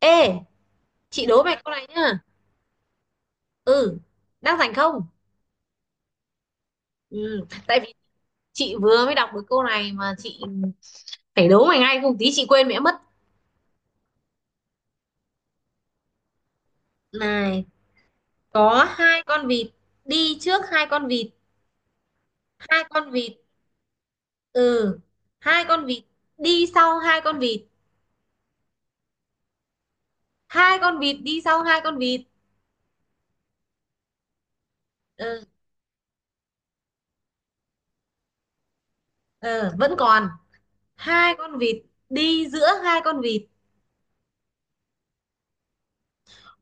Ê, chị đố mày câu này nhá. Ừ, đang rảnh không? Ừ, tại vì chị vừa mới đọc được câu này mà chị phải đố mày ngay không tí chị quên mẹ mất. Này, có hai con vịt đi trước hai con vịt, hai con vịt. Ừ, hai con vịt đi sau hai con vịt đi sau hai con vịt. Ừ, ừ, vẫn còn hai con vịt đi giữa hai con vịt.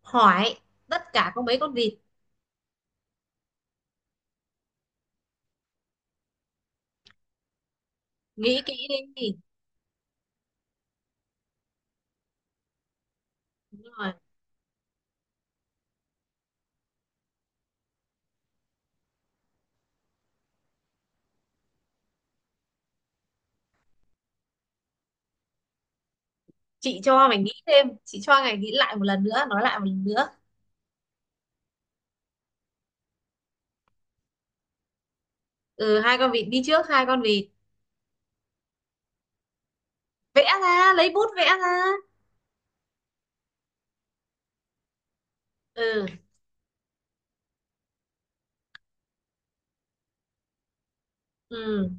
Hỏi tất cả có mấy con vịt? Nghĩ kỹ đi. Đúng rồi. Chị cho mày nghĩ thêm, chị cho mày nghĩ lại một lần nữa, nói lại một lần nữa. Ừ, hai con vịt đi trước hai con vịt. Vẽ ra, lấy bút vẽ ra. Ừ ừ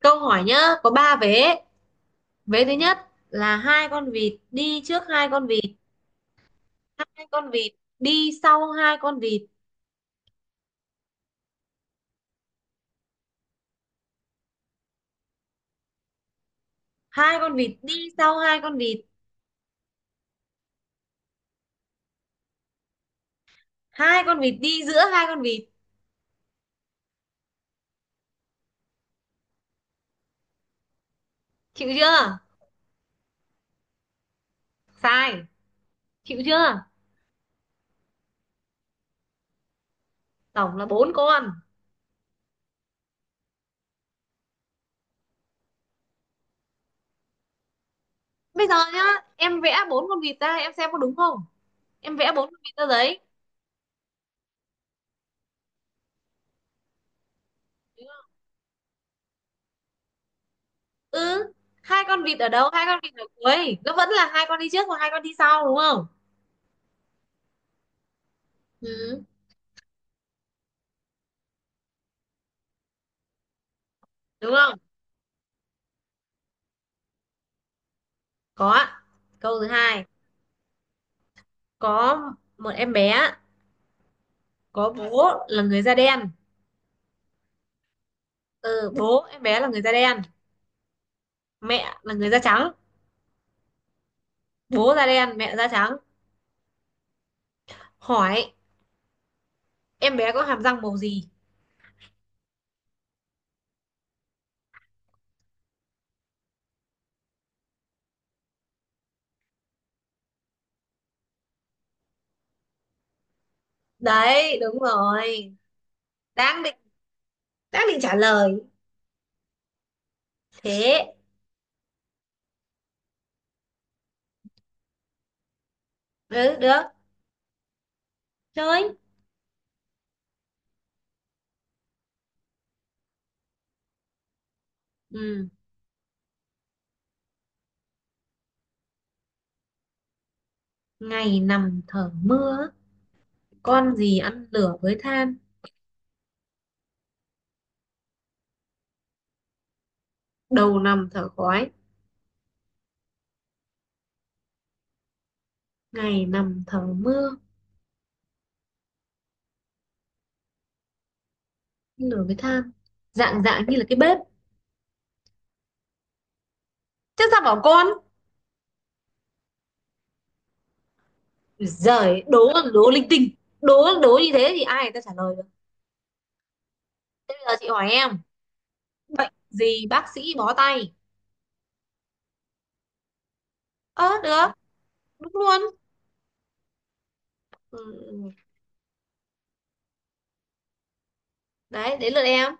câu hỏi nhá, có ba vế. Vế thứ nhất là hai con vịt đi trước hai con vịt, hai con vịt đi sau hai con vịt, hai con vịt đi sau hai con vịt, hai con vịt đi giữa hai con vịt. Chịu chưa? Sai. Chịu chưa? Tổng là bốn con. Bây giờ nhá, em vẽ bốn con vịt ra em xem có đúng không, em vẽ bốn con vịt ra giấy. Ừ, hai con vịt ở đâu, hai con vịt ở cuối nó vẫn là hai con đi trước và hai con đi sau, đúng không? Ừ. Đúng không? Có ạ. Câu thứ hai: có một em bé có bố là người da đen. Ừ, bố em bé là người da đen, mẹ là người da trắng. Bố da đen mẹ da trắng. Hỏi em bé có hàm răng màu gì? Đấy, đúng rồi. Đang định đang định trả lời. Thế. Ừ được. Chơi. Ừ, ngày nằm thở mưa, con gì ăn lửa với than, đầu nằm thở khói, ngày nằm thở mưa. Lửa với than, dạng dạng như là cái bếp. Chắc sao bảo con. Ui giời, đố đố linh tinh, đố đố như thế thì ai người ta trả lời được? Thế bây giờ chị hỏi em: bệnh gì bác sĩ bó tay? Ơ được. Đúng luôn. Ừ. Đấy, đến lượt em.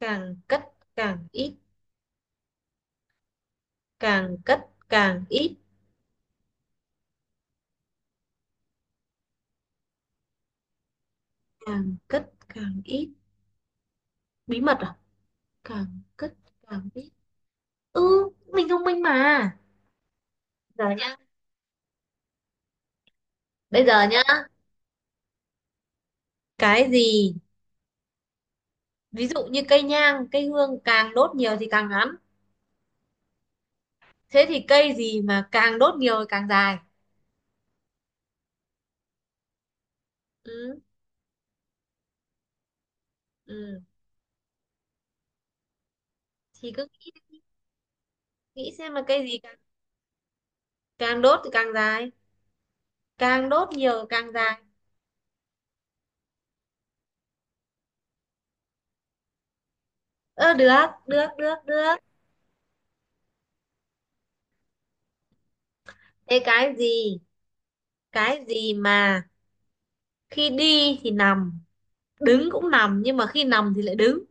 Càng cất càng ít, càng cất càng ít, càng cất càng ít. Bí mật à? Càng cất càng ít. Ừ, mình thông minh mà. Giờ nhá bây giờ nhá, cái gì, ví dụ như cây nhang, cây hương càng đốt nhiều thì càng ngắn, thế thì cây gì mà càng đốt nhiều thì càng dài? Ừ, ừ. Thì cứ nghĩ, xem là cây gì càng đốt thì càng dài, càng đốt nhiều thì càng dài. Ơ được, được, được, được. Thế cái gì mà khi đi thì nằm, đứng cũng nằm, nhưng mà khi nằm thì lại đứng?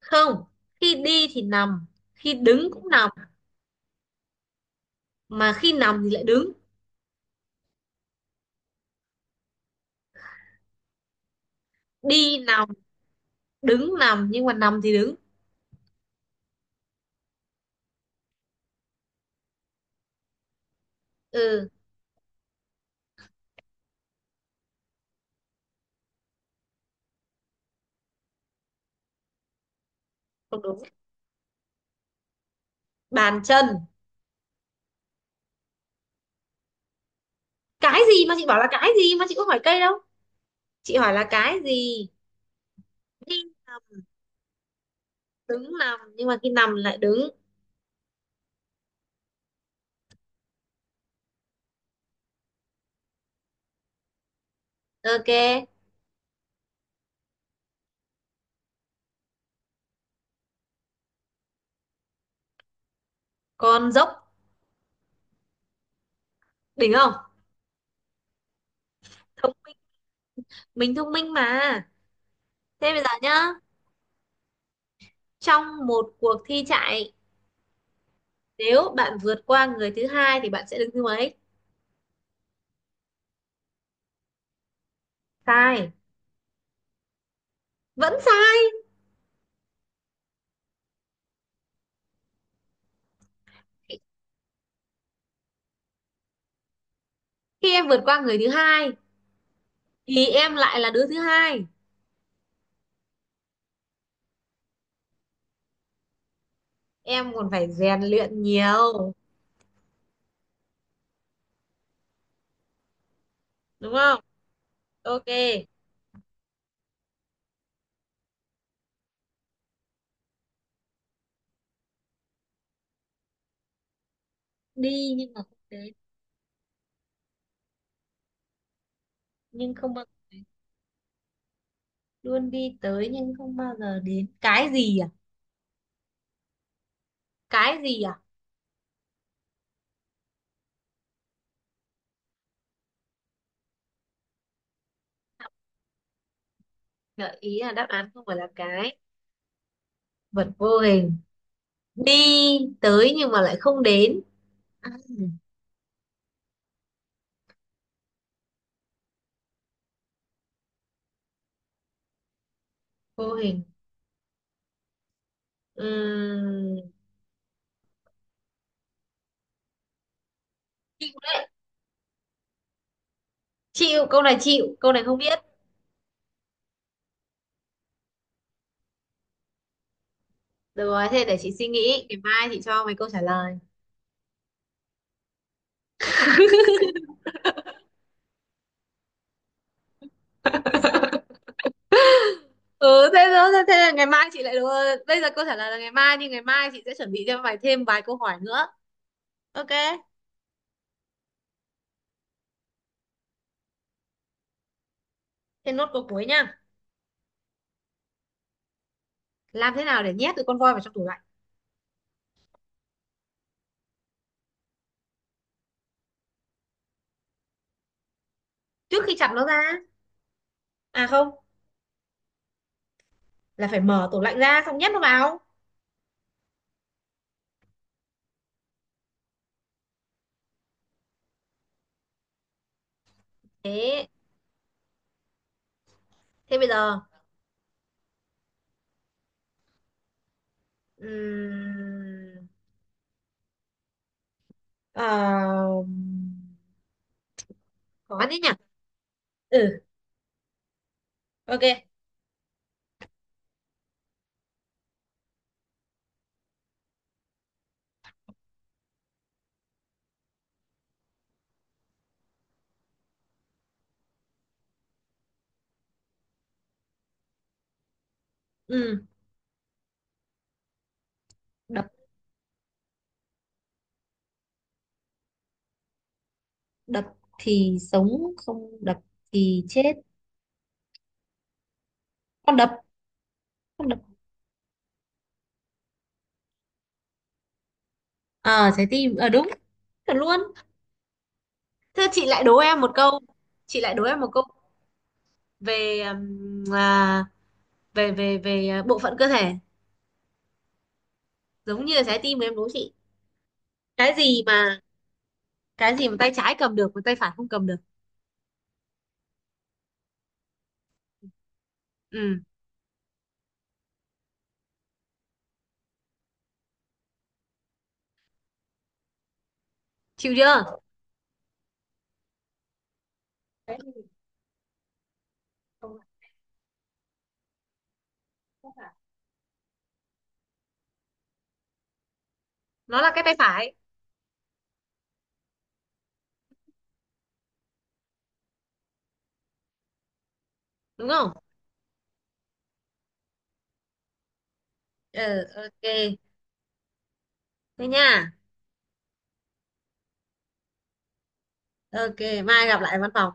Không, khi đi thì nằm, khi đứng cũng nằm, mà khi nằm thì lại đứng. Đi nằm, đứng nằm, nhưng mà nằm thì đứng. Ừ, không đúng. Bàn chân. Cái gì mà chị bảo là cái gì mà, chị có hỏi cây đâu, chị hỏi là cái gì. Đi nằm, đứng nằm, nhưng mà khi nằm lại đứng. OK, con dốc. Đỉnh không? Thông minh, mình thông minh mà. Thế bây giờ nhá, trong một cuộc thi chạy, nếu bạn vượt qua người thứ hai thì bạn sẽ đứng thứ mấy? Sai. Vẫn sai. Khi em vượt qua người thứ hai thì em lại là đứa thứ hai, em còn phải rèn luyện nhiều. Đúng không? OK. Đi nhưng mà không đến. Nhưng không bao luôn đi tới nhưng không bao giờ đến. Cái gì à? Gợi ý là đáp án không phải là cái, vật vô hình. Đi tới nhưng mà lại không đến. À, vô hình. Ừm, chịu câu này, không biết. Được rồi, thế để chị suy nghĩ, ngày mai chị cho mày câu trả lời. Ừ thế đó, thế là ngày mai chị lại đúng rồi. Bây giờ câu trả lời là ngày mai, nhưng ngày mai chị sẽ chuẩn bị cho mày thêm vài câu hỏi nữa. OK. Thế nốt câu cuối nha: làm thế nào để nhét được con voi vào trong tủ lạnh? Trước khi chặt nó ra, à không, là phải mở tủ lạnh ra xong nhét nó vào. Thế, bây giờ ừm, ờ, khó thế nhỉ. Ừ OK. Ừ, đập đập thì sống, không đập thì chết. Con đập. con đập ờ, trái tim. Ờ, đúng. Thật luôn. Thế chị lại đố em một câu, chị lại đố em một câu. Về ừm, à, về về về à, bộ phận cơ thể, giống như là trái tim mà em đố chị. Cái gì mà cái gì mà tay trái cầm được mà tay phải không cầm được? Ừ, chịu chưa? Cái gì, không, chắc là nó là cái tay phải. Đúng không? Ừ OK. Thế nha. OK, mai gặp lại văn phòng.